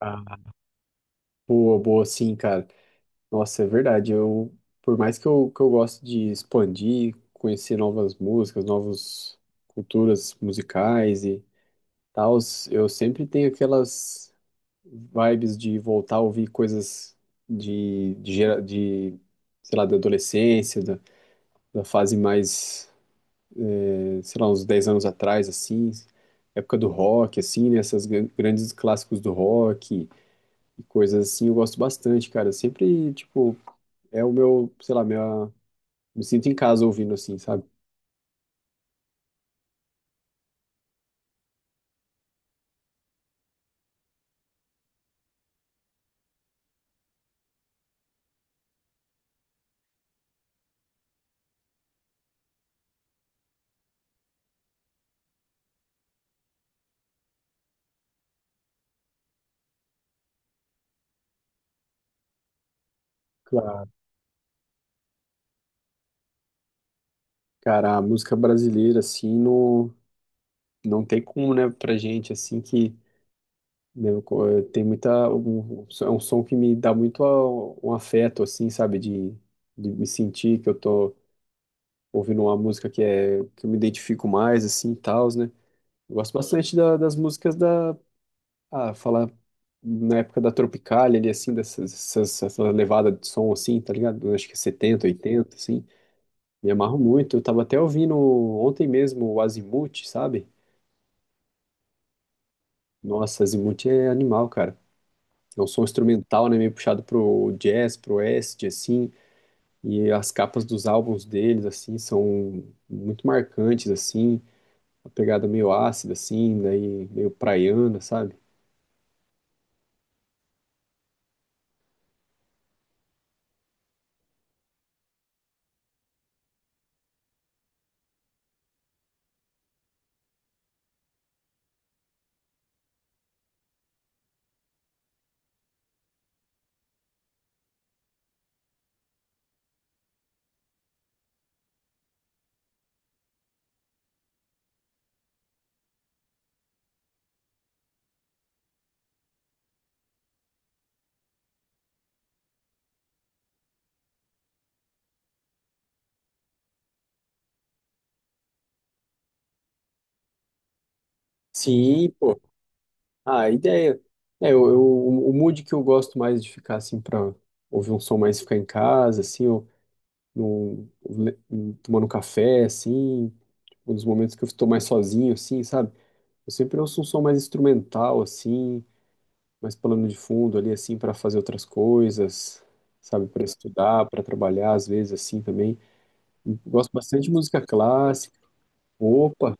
Ah, boa, boa, sim, cara. Nossa, é verdade. Eu, por mais que eu gosto de expandir, conhecer novas músicas, novas culturas musicais e tal, eu sempre tenho aquelas vibes de voltar a ouvir coisas de sei lá, da adolescência, da, da fase mais, sei lá, uns 10 anos atrás, assim, época do rock, assim, né, essas grandes clássicos do rock e coisas assim, eu gosto bastante, cara. Sempre, tipo, é o meu, sei lá, minha, me sinto em casa ouvindo assim, sabe? Claro. Cara, a música brasileira, assim, no, não tem como, né, pra gente, assim, que né, tem muita. Um, é um som que me dá muito um afeto, assim, sabe? De me sentir que eu tô ouvindo uma música que é que eu me identifico mais, assim, e tal, né? Eu gosto bastante das músicas da. Ah, falar na época da Tropicália, ali, assim, essa levada de som, assim, tá ligado? Eu acho que é 70, 80, assim. Me amarro muito. Eu tava até ouvindo ontem mesmo o Azimuth, sabe? Nossa, Azimuth é animal, cara. É um som instrumental, né? Meio puxado pro jazz, pro acid, assim. E as capas dos álbuns deles, assim, são muito marcantes, assim. A pegada meio ácida, assim, daí meio praiana, sabe? Sim, pô. Ah, a ideia. É, o mood que eu gosto mais de ficar, assim, pra ouvir um som mais, ficar em casa, assim, ou num- le- tomando um café, assim, um dos momentos que eu estou mais sozinho, assim, sabe? Eu sempre ouço um som mais instrumental, assim, mais plano de fundo ali, assim, para fazer outras coisas, sabe? Para estudar, para trabalhar, às vezes, assim, também. Gosto bastante de música clássica. Opa!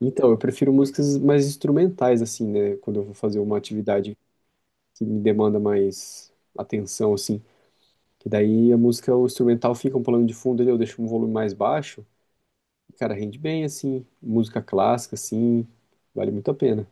Então, eu prefiro músicas mais instrumentais, assim, né? Quando eu vou fazer uma atividade que me demanda mais atenção, assim. Que daí a música, o instrumental fica um plano de fundo ali, eu deixo um volume mais baixo. Cara, rende bem, assim. Música clássica, assim, vale muito a pena.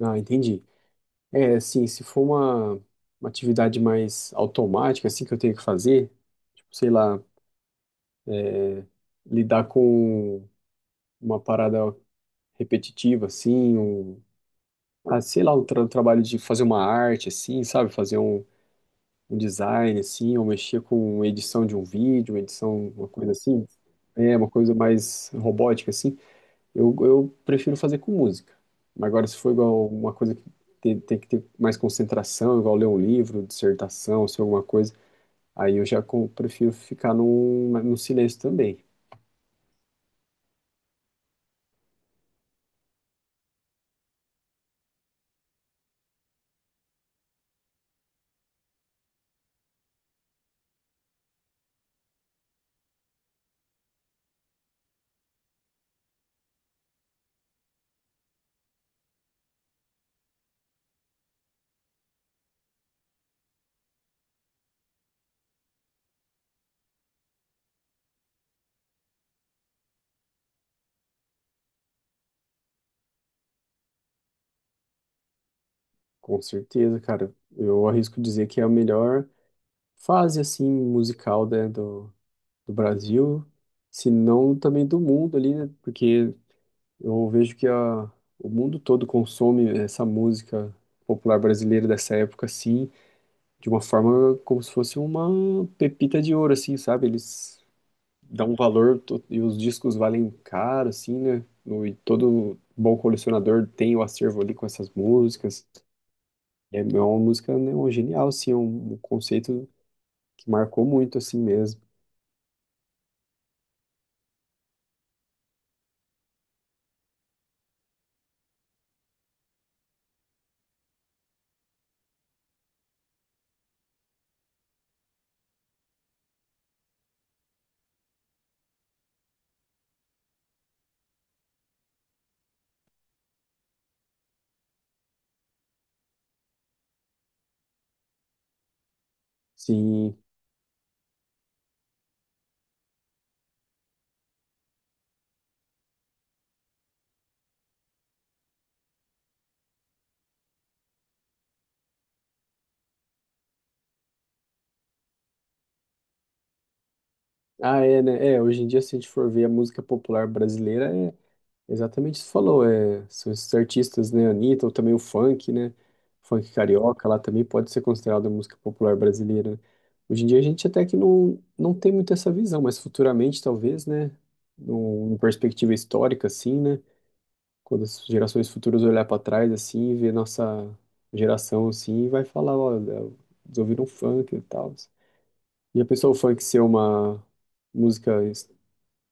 Ah, entendi. É, assim, se for uma atividade mais automática, assim, que eu tenho que fazer, tipo, sei lá, lidar com uma parada repetitiva, assim, um, ah, sei lá, um trabalho de fazer uma arte, assim, sabe? Fazer um, um design, assim, ou mexer com edição de um vídeo, edição, uma coisa assim. É, uma coisa mais robótica, assim. Eu prefiro fazer com música. Mas agora, se for igual uma coisa que tem que ter mais concentração, igual ler um livro, dissertação, se alguma coisa, aí eu já prefiro ficar num, no silêncio também. Com certeza, cara. Eu arrisco dizer que é a melhor fase, assim, musical, né, do, do Brasil, se não também do mundo ali, né? Porque eu vejo que a, o mundo todo consome essa música popular brasileira dessa época, assim, de uma forma como se fosse uma pepita de ouro, assim, sabe? Eles dão um valor e os discos valem caro, assim, né? E todo bom colecionador tem o acervo ali com essas músicas. E é uma música, né, um genial, assim, um conceito que marcou muito, assim mesmo. Sim. Ah, é, né? É, hoje em dia, se a gente for ver a música popular brasileira, é exatamente isso que você falou, é, são esses artistas, né, Anitta, ou também o funk, né, funk carioca, lá também pode ser considerado música popular brasileira, né? Hoje em dia a gente até que não, não tem muito essa visão, mas futuramente talvez, né, numa perspectiva histórica, assim, né, quando as gerações futuras olhar para trás, assim, e ver nossa geração, assim, vai falar, olha, eles ouviram funk e tal, e a pessoa o funk ser uma música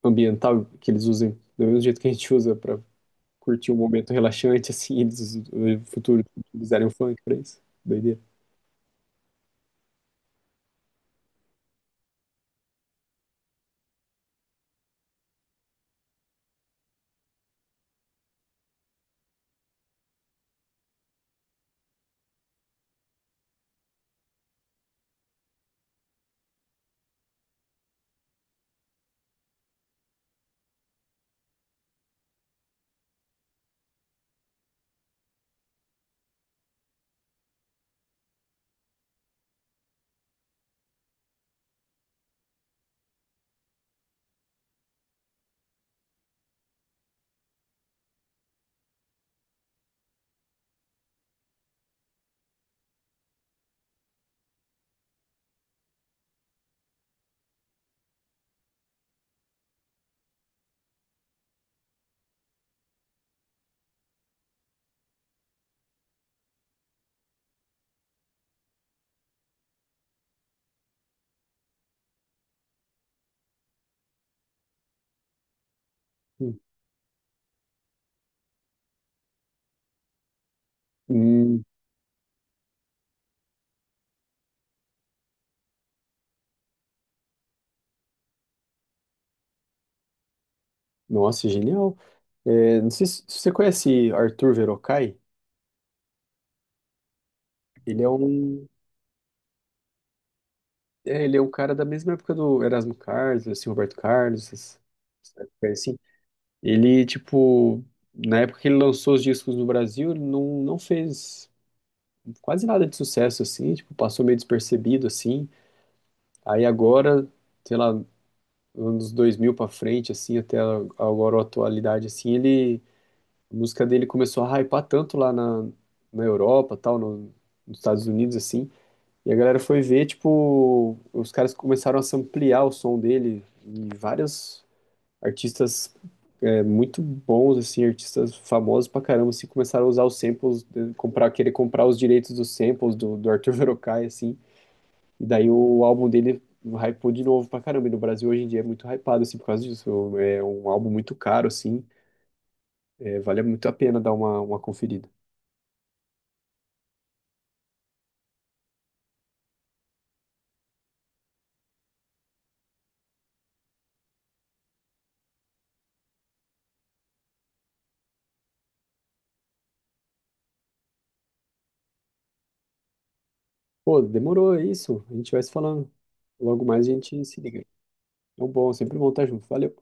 ambiental que eles usem do mesmo jeito que a gente usa para curtir um momento relaxante, assim, eles no futuro utilizarem o funk pra isso. Doideira. Hum. Hum, nossa, genial. É, não sei se você conhece Arthur Verocai. Ele é um, é, ele é um cara da mesma época do Erasmo Carlos, assim, Roberto Carlos, essas- essa época assim. Ele, tipo, na época que ele lançou os discos no Brasil, ele não, não fez quase nada de sucesso, assim, tipo, passou meio despercebido, assim. Aí agora, sei lá, anos 2000 pra frente, assim, até agora a atualidade, assim, ele, a música dele começou a hypar tanto lá na, na Europa, tal, nos Estados Unidos, assim, e a galera foi ver, tipo, os caras começaram a ampliar o som dele e vários artistas é, muito bons, assim, artistas famosos pra caramba, assim, começaram a usar os samples, comprar, querer comprar os direitos dos samples do, do Arthur Verocai, assim, e daí o álbum dele hypou de novo pra caramba. E no Brasil hoje em dia é muito hypado, assim, por causa disso. É um álbum muito caro, assim. É, vale muito a pena dar uma conferida. Pô, demorou, é isso. A gente vai se falando. Logo mais a gente se liga. É um bom, sempre bom estar junto. Valeu.